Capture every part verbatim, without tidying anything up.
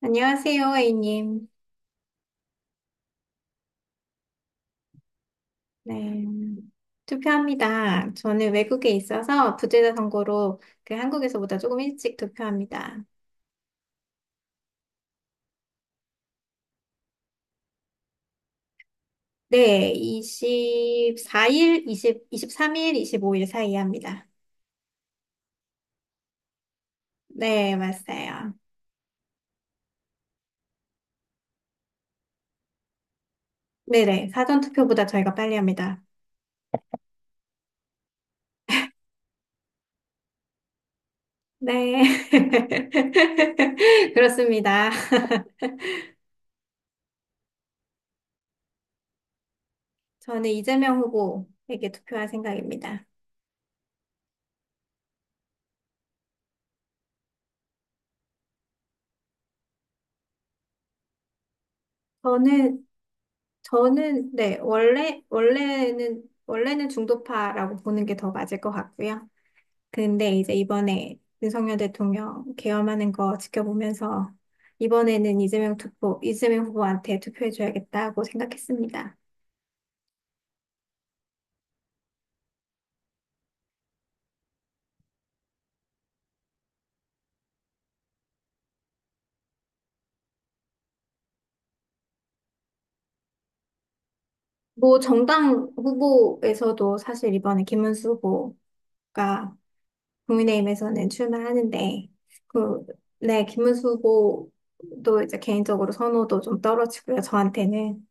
안녕하세요, A님. 네. 투표합니다. 저는 외국에 있어서 부재자 선거로 그 한국에서보다 조금 일찍 투표합니다. 네, 이십이 일 이십, 이십삼 일 이십오 일 사이에 합니다. 네, 맞아요. 네네, 사전 투표보다 저희가 빨리 합니다. 네. 그렇습니다. 저는 이재명 후보에게 투표할 생각입니다. 저는 저는 네, 원래 원래는 원래는 중도파라고 보는 게 더 맞을 것 같고요. 근데 이제 이번에 윤석열 대통령 계엄하는 거 지켜보면서 이번에는 이재명 투표, 이재명 후보한테 투표해줘야겠다고 생각했습니다. 뭐 정당 후보에서도 사실 이번에 김문수 후보가 국민의힘에서는 출마하는데 그, 네, 김문수 후보도 이제 개인적으로 선호도 좀 떨어지고요, 저한테는.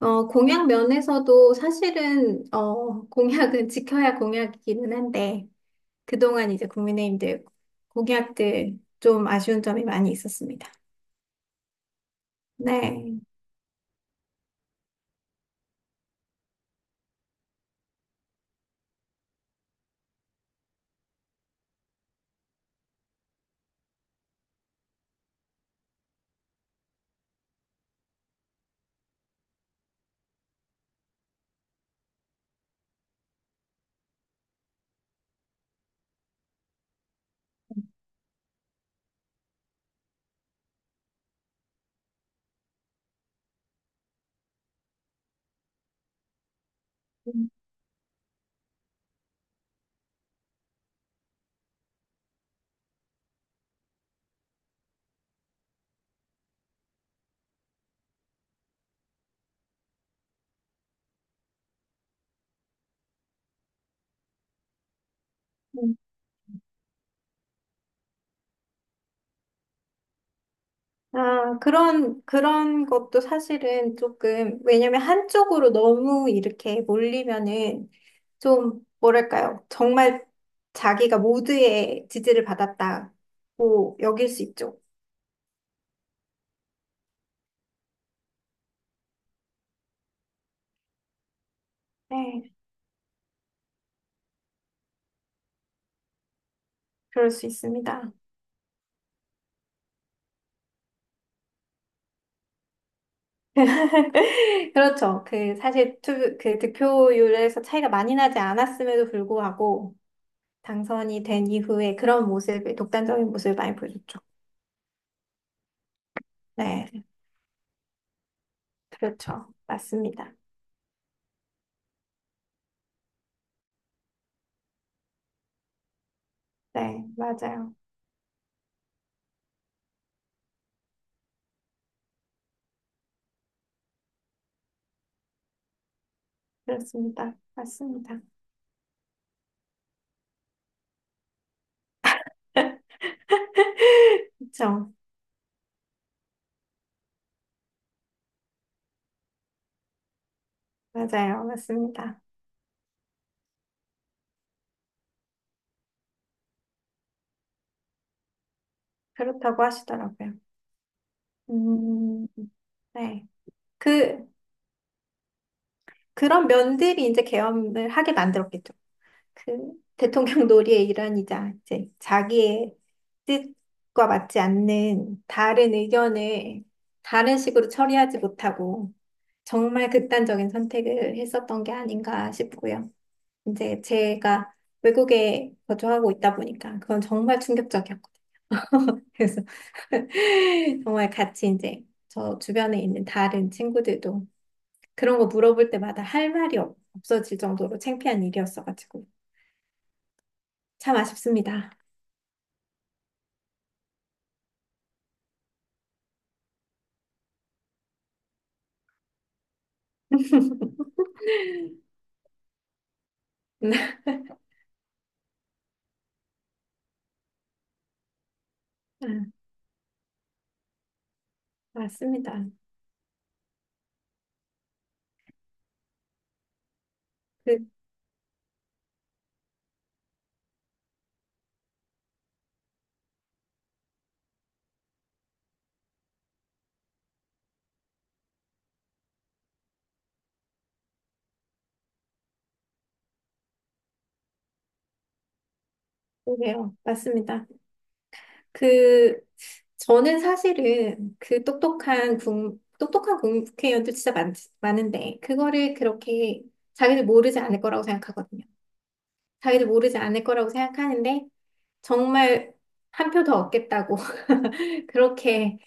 어, 공약 면에서도 사실은, 어, 공약은 지켜야 공약이기는 한데, 그동안 이제 국민의힘들 공약들 좀 아쉬운 점이 많이 있었습니다. 네. 음, 음. 아, 그런, 그런 것도 사실은 조금, 왜냐면 한쪽으로 너무 이렇게 몰리면은 좀, 뭐랄까요. 정말 자기가 모두의 지지를 받았다고 여길 수 있죠. 네, 그럴 수 있습니다. 그렇죠. 그 사실 투, 그 득표율에서 차이가 많이 나지 않았음에도 불구하고 당선이 된 이후에 그런 모습을 독단적인 모습을 많이 보여줬죠. 네, 그렇죠. 맞습니다. 네, 맞아요. 그렇습니다. 맞습니다. 그렇죠. 맞아요. 맞습니다. 그렇다고 하시더라고요. 음, 네. 그 그런 면들이 이제 계엄을 하게 만들었겠죠. 그 대통령 놀이의 일환이자 이제 자기의 뜻과 맞지 않는 다른 의견을 다른 식으로 처리하지 못하고 정말 극단적인 선택을 했었던 게 아닌가 싶고요. 이제 제가 외국에 거주하고 있다 보니까 그건 정말 충격적이었거든요. 그래서 정말 같이 이제 저 주변에 있는 다른 친구들도 그런 거 물어볼 때마다 할 말이 없- 없어질 정도로 창피한 일이었어가지고 참 아쉽습니다. 아, 맞습니다. 그, 그게요. 맞습니다. 그, 저는 사실은 그 똑똑한 국, 똑똑한 국회의원들 진짜 많, 많은데, 그거를 그렇게 자기들 모르지 않을 거라고 생각하거든요. 자기들 모르지 않을 거라고 생각하는데, 정말 한 표 더 얻겠다고. 그렇게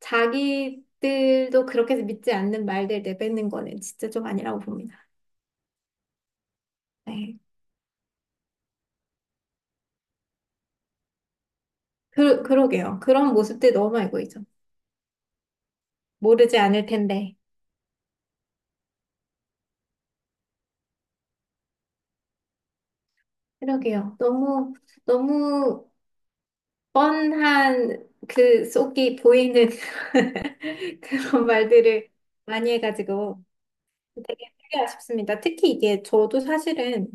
자기들도 그렇게 믿지 않는 말들 내뱉는 거는 진짜 좀 아니라고 봅니다. 네. 그, 그러게요. 그런 모습들 너무 알고 있죠. 모르지 않을 텐데. 그러게요. 너무, 너무 뻔한 그 속이 보이는 그런 말들을 많이 해가지고 되게 되게 아쉽습니다. 특히 이게 저도 사실은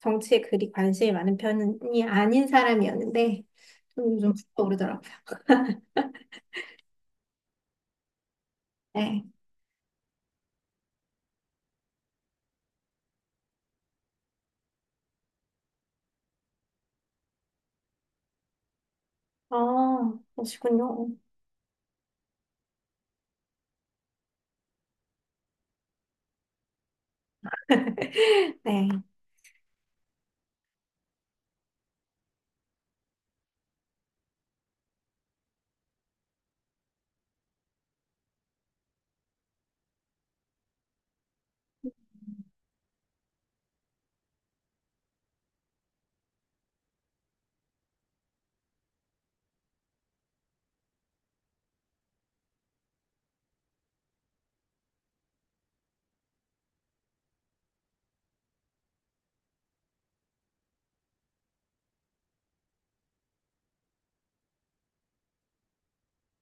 정치에 그리 관심이 많은 편이 아닌 사람이었는데 좀, 좀 오르더라고요. 네. 아, 그러시군요. 네.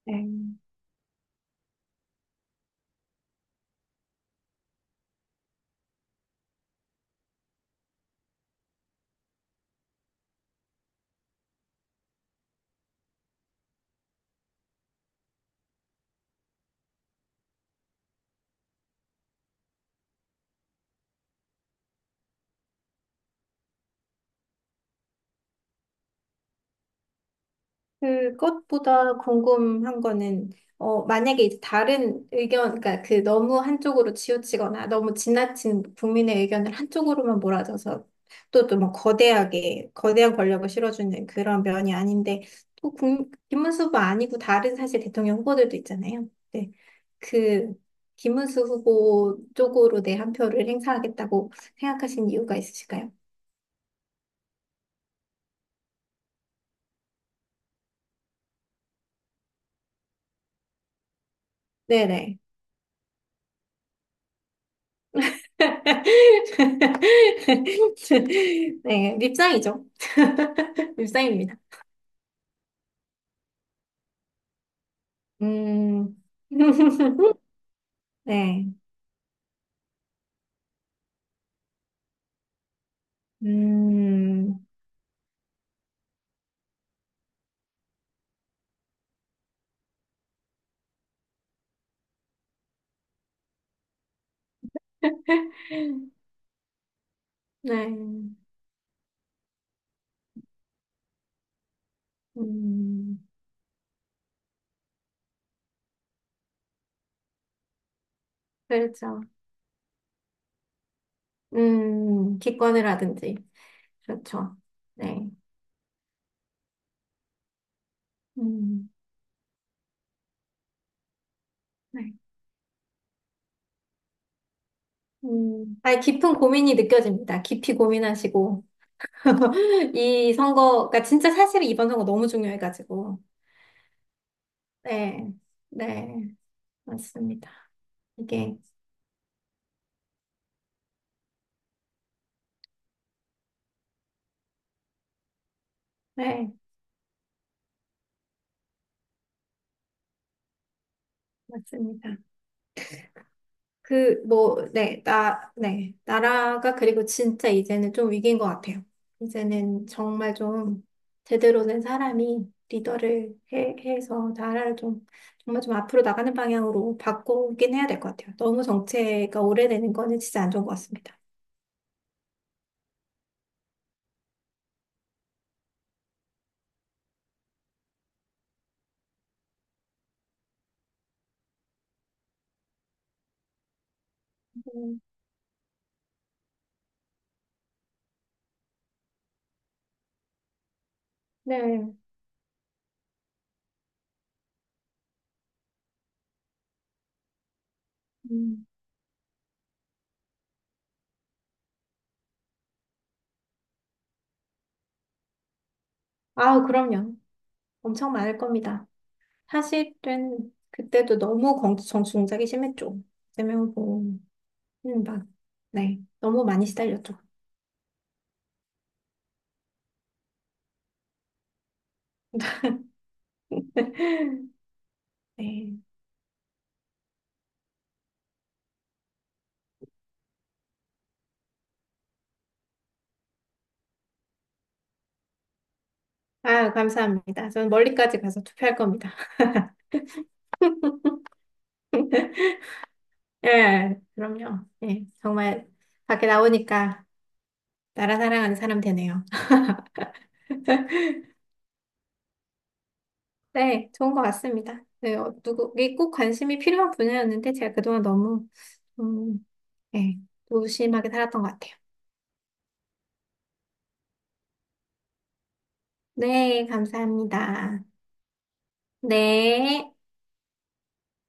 네. 그것보다 궁금한 거는, 어, 만약에 이제 다른 의견, 그러니까 그 너무 한쪽으로 치우치거나 너무 지나친 국민의 의견을 한쪽으로만 몰아줘서 또, 또 뭐 거대하게, 거대한 권력을 실어주는 그런 면이 아닌데, 또 국, 김문수 후보 아니고 다른 사실 대통령 후보들도 있잖아요. 네. 그, 김문수 후보 쪽으로 내 한 표를 행사하겠다고 생각하신 이유가 있으실까요? 네네. 네, 밉상이죠. 밉상입니다. 음, 네, 음, 네, 음, 그렇죠. 음, 기권을 하든지. 그렇죠. 네, 음, 네. 음, 아니, 깊은 고민이 느껴집니다. 깊이 고민하시고. 이 선거가 진짜 사실 이번 선거 너무 중요해가지고. 네, 네, 맞습니다. 이게 네 맞습니다. 그 뭐 네 나 네 나라가 그리고 진짜 이제는 좀 위기인 것 같아요. 이제는 정말 좀 제대로 된 사람이 리더를 해, 해서 나라를 좀 정말 좀 앞으로 나가는 방향으로 바꾸긴 해야 될 것 같아요. 너무 정체가 오래되는 거는 진짜 안 좋은 것 같습니다. 음, 네. 음. 아우 그럼요. 엄청 많을 겁니다. 사실은 그때도 너무 정- 정치 공작이 심했죠. 이재명 후보. 음, 막, 네. 너무 많이 시달렸죠. 네. 아, 감사합니다. 저는 멀리까지 가서 투표할 겁니다. 예, 그럼요. 예, 정말 밖에 나오니까 나라 사랑하는 사람 되네요. 네, 좋은 것 같습니다. 네, 어, 누구, 이게 꼭 관심이 필요한 분야였는데 제가 그동안 너무, 음, 예, 무심하게 살았던 것 같아요. 네, 감사합니다. 네.